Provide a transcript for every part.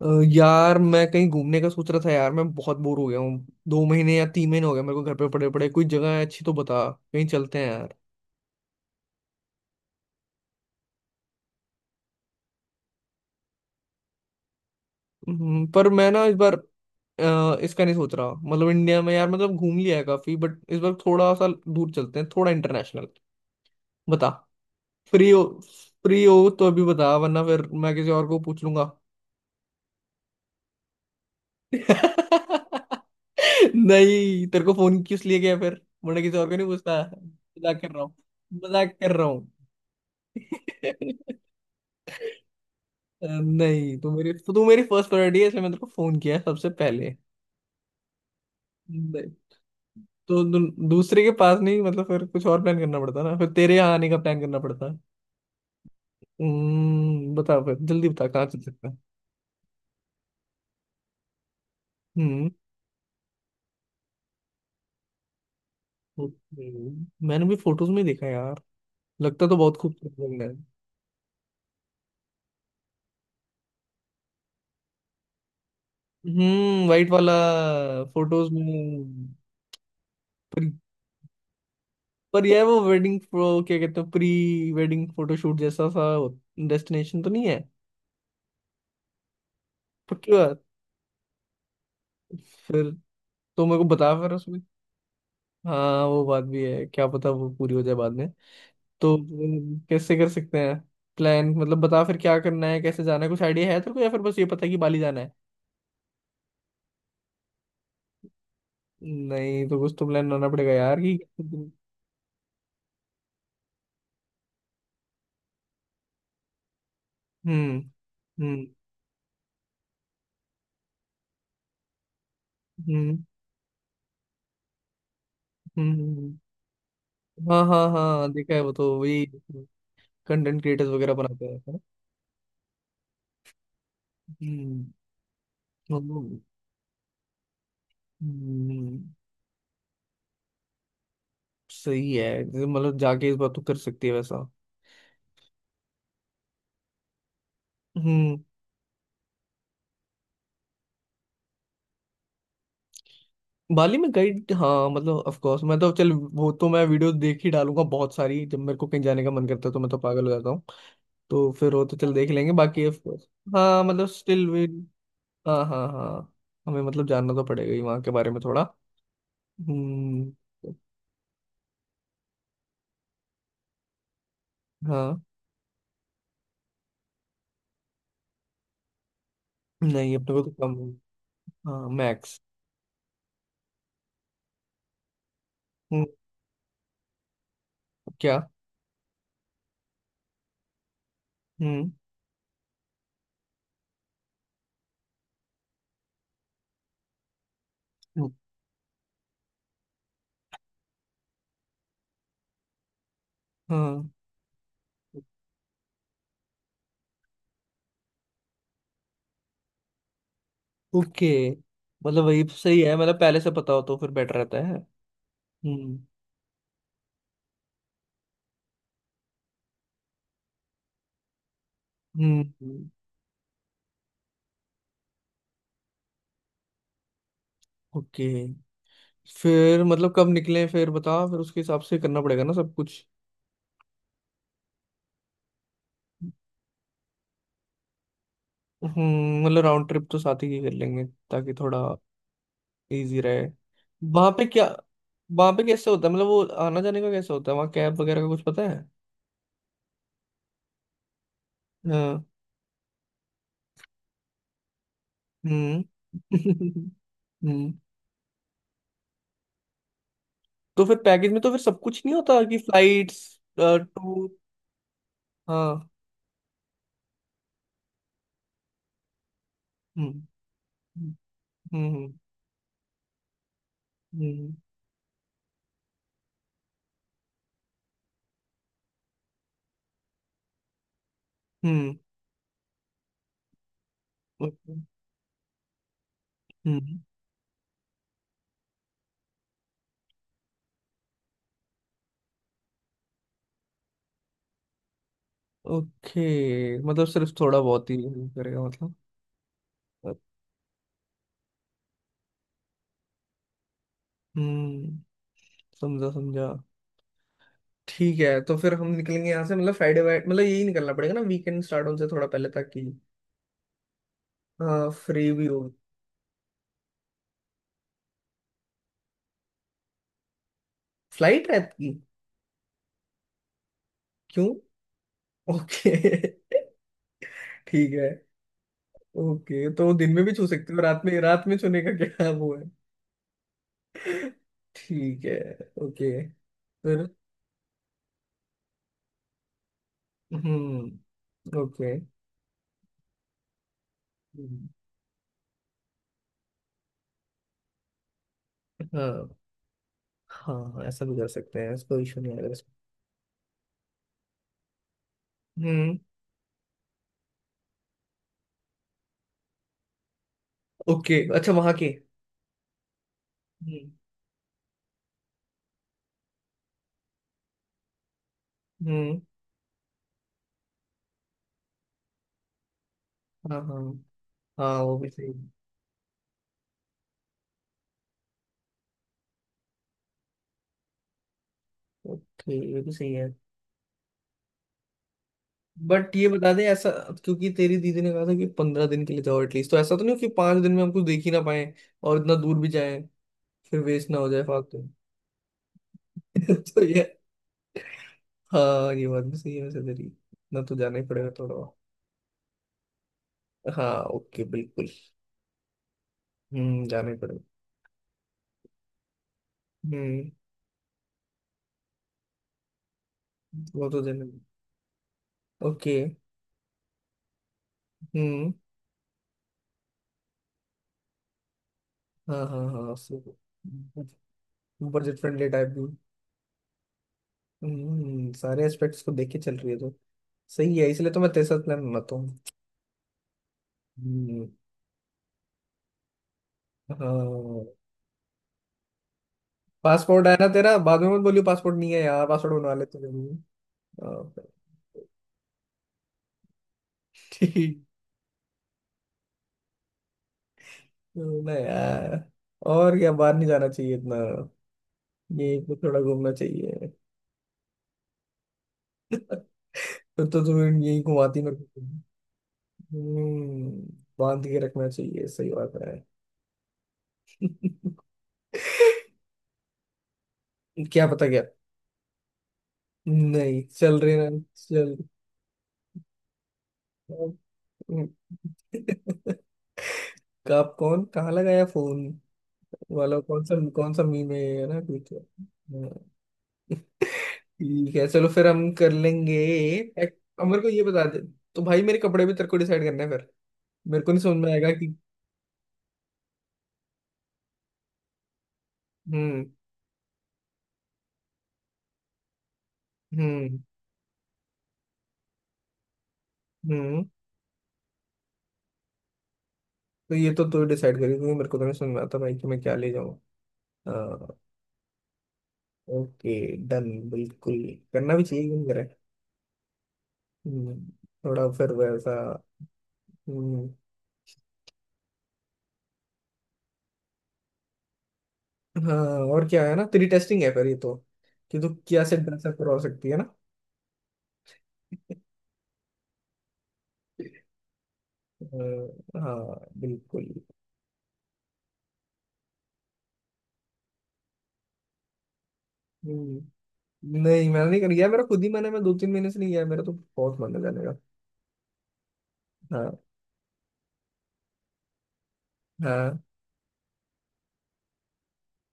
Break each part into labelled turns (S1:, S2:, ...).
S1: अ, यार मैं कहीं घूमने का सोच रहा था। यार मैं बहुत बोर हो गया हूँ। 2 महीने या 3 महीने हो गए मेरे को घर पे पड़े पड़े। कोई जगह है अच्छी तो बता, कहीं चलते हैं यार। पर मैं ना इस बार इसका नहीं सोच रहा। मतलब इंडिया में यार मतलब घूम लिया है काफी, बट इस बार थोड़ा सा दूर चलते हैं, थोड़ा इंटरनेशनल। बता, फ्री हो? फ्री हो तो अभी बता, वरना फिर मैं किसी और को पूछ लूंगा। नहीं, तेरे को फोन किस लिए किया फिर? मैंने किसी और को नहीं पूछता, मजाक कर रहा हूँ। मजाक कर रहा हूँ। नहीं, तू मेरी फर्स्ट प्रायोरिटी है, इसलिए मैंने तेरे को फोन किया है सबसे पहले। नहीं, तो दू, दूसरे के पास नहीं, मतलब फिर कुछ और प्लान करना पड़ता ना, फिर तेरे यहाँ आने का प्लान करना पड़ता। हम्म, बताओ फिर जल्दी बता, कहाँ चल सकता है? हम्म, ओके। मैंने भी फोटोज में देखा यार, लगता तो बहुत खूबसूरत बंगला है। हम्म, वाइट वाला, फोटोज में। पर, पर यह वो वेडिंग प्रो क्या कहते हैं, प्री वेडिंग फोटोशूट जैसा सा डेस्टिनेशन तो नहीं है? पक्की बात? फिर तो मेरे को बता फिर उसमें। हाँ, वो बात भी है, क्या पता वो पूरी हो जाए बाद में। तो कैसे कर सकते हैं प्लान? मतलब बता फिर क्या करना है, कैसे जाना है, कुछ आइडिया है तेरे को, या फिर बस ये पता है कि बाली जाना है? नहीं तो कुछ तो प्लान बनाना पड़ेगा यार कि, हम्म। हम्म। हम्म। हम्म। हम्म। हाँ हाँ हाँ, देखा है वो, तो वही कंटेंट क्रिएटर्स वगैरह बनाते हैं, है ना? हम्म। हम्म, हम्म, सही है। जैसे मतलब जाके इस बात तो कर सकती है वैसा। हम्म, बाली में गई? हाँ मतलब ऑफ कोर्स, मैं तो चल, वो तो मैं वीडियो देख ही डालूंगा बहुत सारी। जब मेरे को कहीं जाने का मन करता है तो मैं तो पागल हो जाता हूँ। तो फिर वो तो चल देख लेंगे, बाकी ऑफ कोर्स। हाँ मतलब स्टिल वी, हाँ हाँ हाँ, हमें मतलब जानना तो पड़ेगा ही वहाँ के बारे में थोड़ा। हम्म। हाँ, नहीं अपने को तो कम। हाँ, मैक्स। क्या? हम्म। हम्म, हाँ। ओके, मतलब वही सही है, मतलब पहले से पता हो तो फिर बेटर रहता है। हम्म। हम्म। ओके, फिर मतलब कब निकले फिर बता, फिर उसके हिसाब से करना पड़ेगा ना सब कुछ। हम्म, मतलब राउंड ट्रिप तो साथ ही की कर लेंगे, ताकि थोड़ा इजी रहे। वहां पे क्या, वहां पे कैसे होता है? मतलब वो आना जाने का कैसे होता है वहाँ? कैब वगैरह का कुछ पता है? हाँ। हम्म। हम्म, तो फिर पैकेज में तो फिर सब कुछ नहीं होता कि फ्लाइट्स? टू, हाँ। हम्म। हम्म। हम्म। हम्म। हम्म, ओके। हम्म, ओके, मतलब सिर्फ थोड़ा बहुत ही करेगा मतलब। हम्म, समझा समझा। ठीक है, तो फिर हम निकलेंगे यहाँ से मतलब फ्राइडे वाइट, मतलब यही निकलना पड़ेगा ना, वीकेंड स्टार्ट होने से थोड़ा पहले तक की। हाँ, फ्री भी हो। फ्लाइट रात की? क्यों? ओके। ठीक है। ओके, तो दिन में भी छू सकते हो, रात में, रात में छूने का क्या वो है? ठीक है। ओके। फिर, ओके। हम्म, हाँ हाँ हाँ, ऐसा भी कर सकते हैं, इसको इशू नहीं आएगा इसमें। हम्म, ओके, अच्छा वहां के। हम्म। हम्म, हाँ हाँ, हाँ वो भी सही। ओके, ये भी सही है। बट ये बता दे ऐसा, क्योंकि तेरी दीदी ने कहा था कि 15 दिन के लिए जाओ एटलीस्ट। तो ऐसा तो नहीं हो कि 5 दिन में हम कुछ देख ही ना पाए और इतना दूर भी जाए, फिर वेस्ट ना हो जाए फालतू में। तो ये, हाँ ये बात भी सही है वैसे तेरी। ना तो जाना ही पड़ेगा थोड़ा बहुत। हाँ, ओके, बिल्कुल। हम्म, जाना ही पड़ेगा। हम्म। वो तो जाना ही- ओके। हम्म। हाँ हाँ हाँ, सो बजट फ्रेंडली टाइप भी। हम्म, सारे एस्पेक्ट्स को देख के चल रही है तो, सही है, इसलिए तो मैं तेरे साथ प्लान बनाता। हम्म, पासपोर्ट है ना तेरा? बाद में मत बोलियो पासपोर्ट नहीं है यार, पासपोर्ट बनवा लेते हैं। अ, ठीक। ना यार, और क्या, बाहर नहीं जाना चाहिए इतना, यहीं पे थोड़ा घूमना चाहिए। तो तुम्हें यही घुमाती मेरे को। हम्म, बांध के रखना चाहिए, सही बात है। क्या पता क्या? नहीं चल रहे ना। चल। कब कौन कहाँ लगाया फोन वाला, कौन सा मीम है ये, है ना कुछ? हाँ, ठीक है, चलो फिर हम कर लेंगे। एक- अब मेरे को ये बता दे, तो भाई मेरे कपड़े भी तेरे को डिसाइड करना है फिर, मेरे को नहीं समझ में आएगा कि। हम्म। हम्म। हम्म, तो ये तो तू डिसाइड करी, क्योंकि मेरे को तो नहीं समझ में आता भाई कि मैं क्या ले जाऊँ। ओके, डन, बिल्कुल। करना भी चाहिए, क्यों करे। हम्म, थोड़ा फिर वैसा। हम्म। हाँ और क्या, है ना, तेरी टेस्टिंग है फिर ये तो, कि तू क्या से ड्रेसअप करवा सकती है। ना। हाँ, बिल्कुल। हम्म, नहीं मैंने नहीं कर गया, मेरा खुद ही मन है, मैं 2-3 महीने से नहीं गया मेरा तो, बहुत मन है जाने का। हाँ। हाँ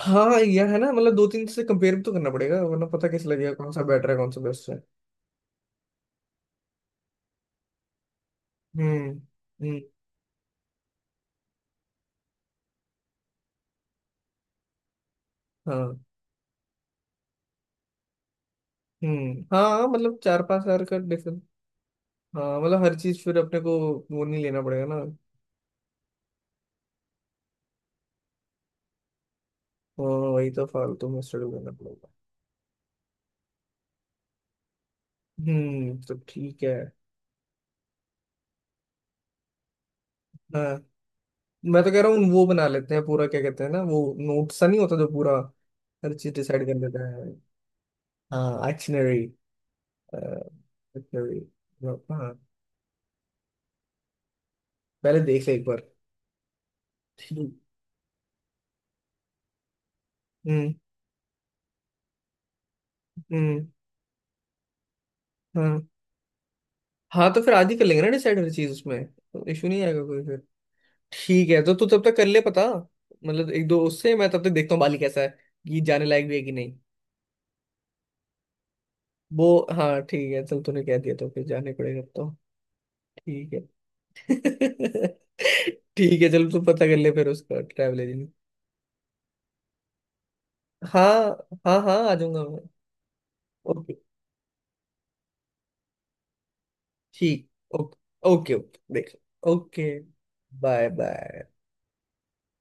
S1: हाँ यार, है ना, मतलब 2-3 से कंपेयर भी तो करना पड़ेगा, वरना पता कैसे लगेगा कौन सा बेटर है, कौन सा बेस्ट है। हम्म। हम्म। हाँ। हम्म, हाँ, मतलब 4-5 हज़ार का डिफरेंस। हाँ, मतलब हर चीज फिर अपने को, वो नहीं लेना पड़ेगा ना। हाँ, वही तो, फालतू में स्ट्रगल करना पड़ेगा। हम्म, तो ठीक है। हाँ, मैं तो कह रहा हूँ वो बना लेते हैं पूरा, क्या कहते हैं ना वो, नोट सा नहीं होता जो पूरा हर चीज डिसाइड कर लेता है। हाँ, एक्शनरी। एक्शनरी। हाँ, पहले देख ले एक बार। हम्म। हम्म। हाँ। हाँ, तो फिर आज ही कर लेंगे ना डिसाइड हर चीज, उसमें तो इशू नहीं आएगा कोई फिर। ठीक है, तो तू तब तक कर ले पता, मतलब 1-2 उससे। मैं तब तक देखता हूँ बाली कैसा है, कि जाने लायक भी है कि नहीं। वो, हाँ ठीक है, चल तूने कह दिया तो फिर जाने पड़ेगा अब तो। ठीक है। ठीक है, चलो तू पता कर ले फिर उसका ट्रैवल एजेंट। हाँ हाँ हाँ, आ जाऊंगा मैं। ओके, ठीक। Okay okay okay. देख। ओके। बाय। बाय।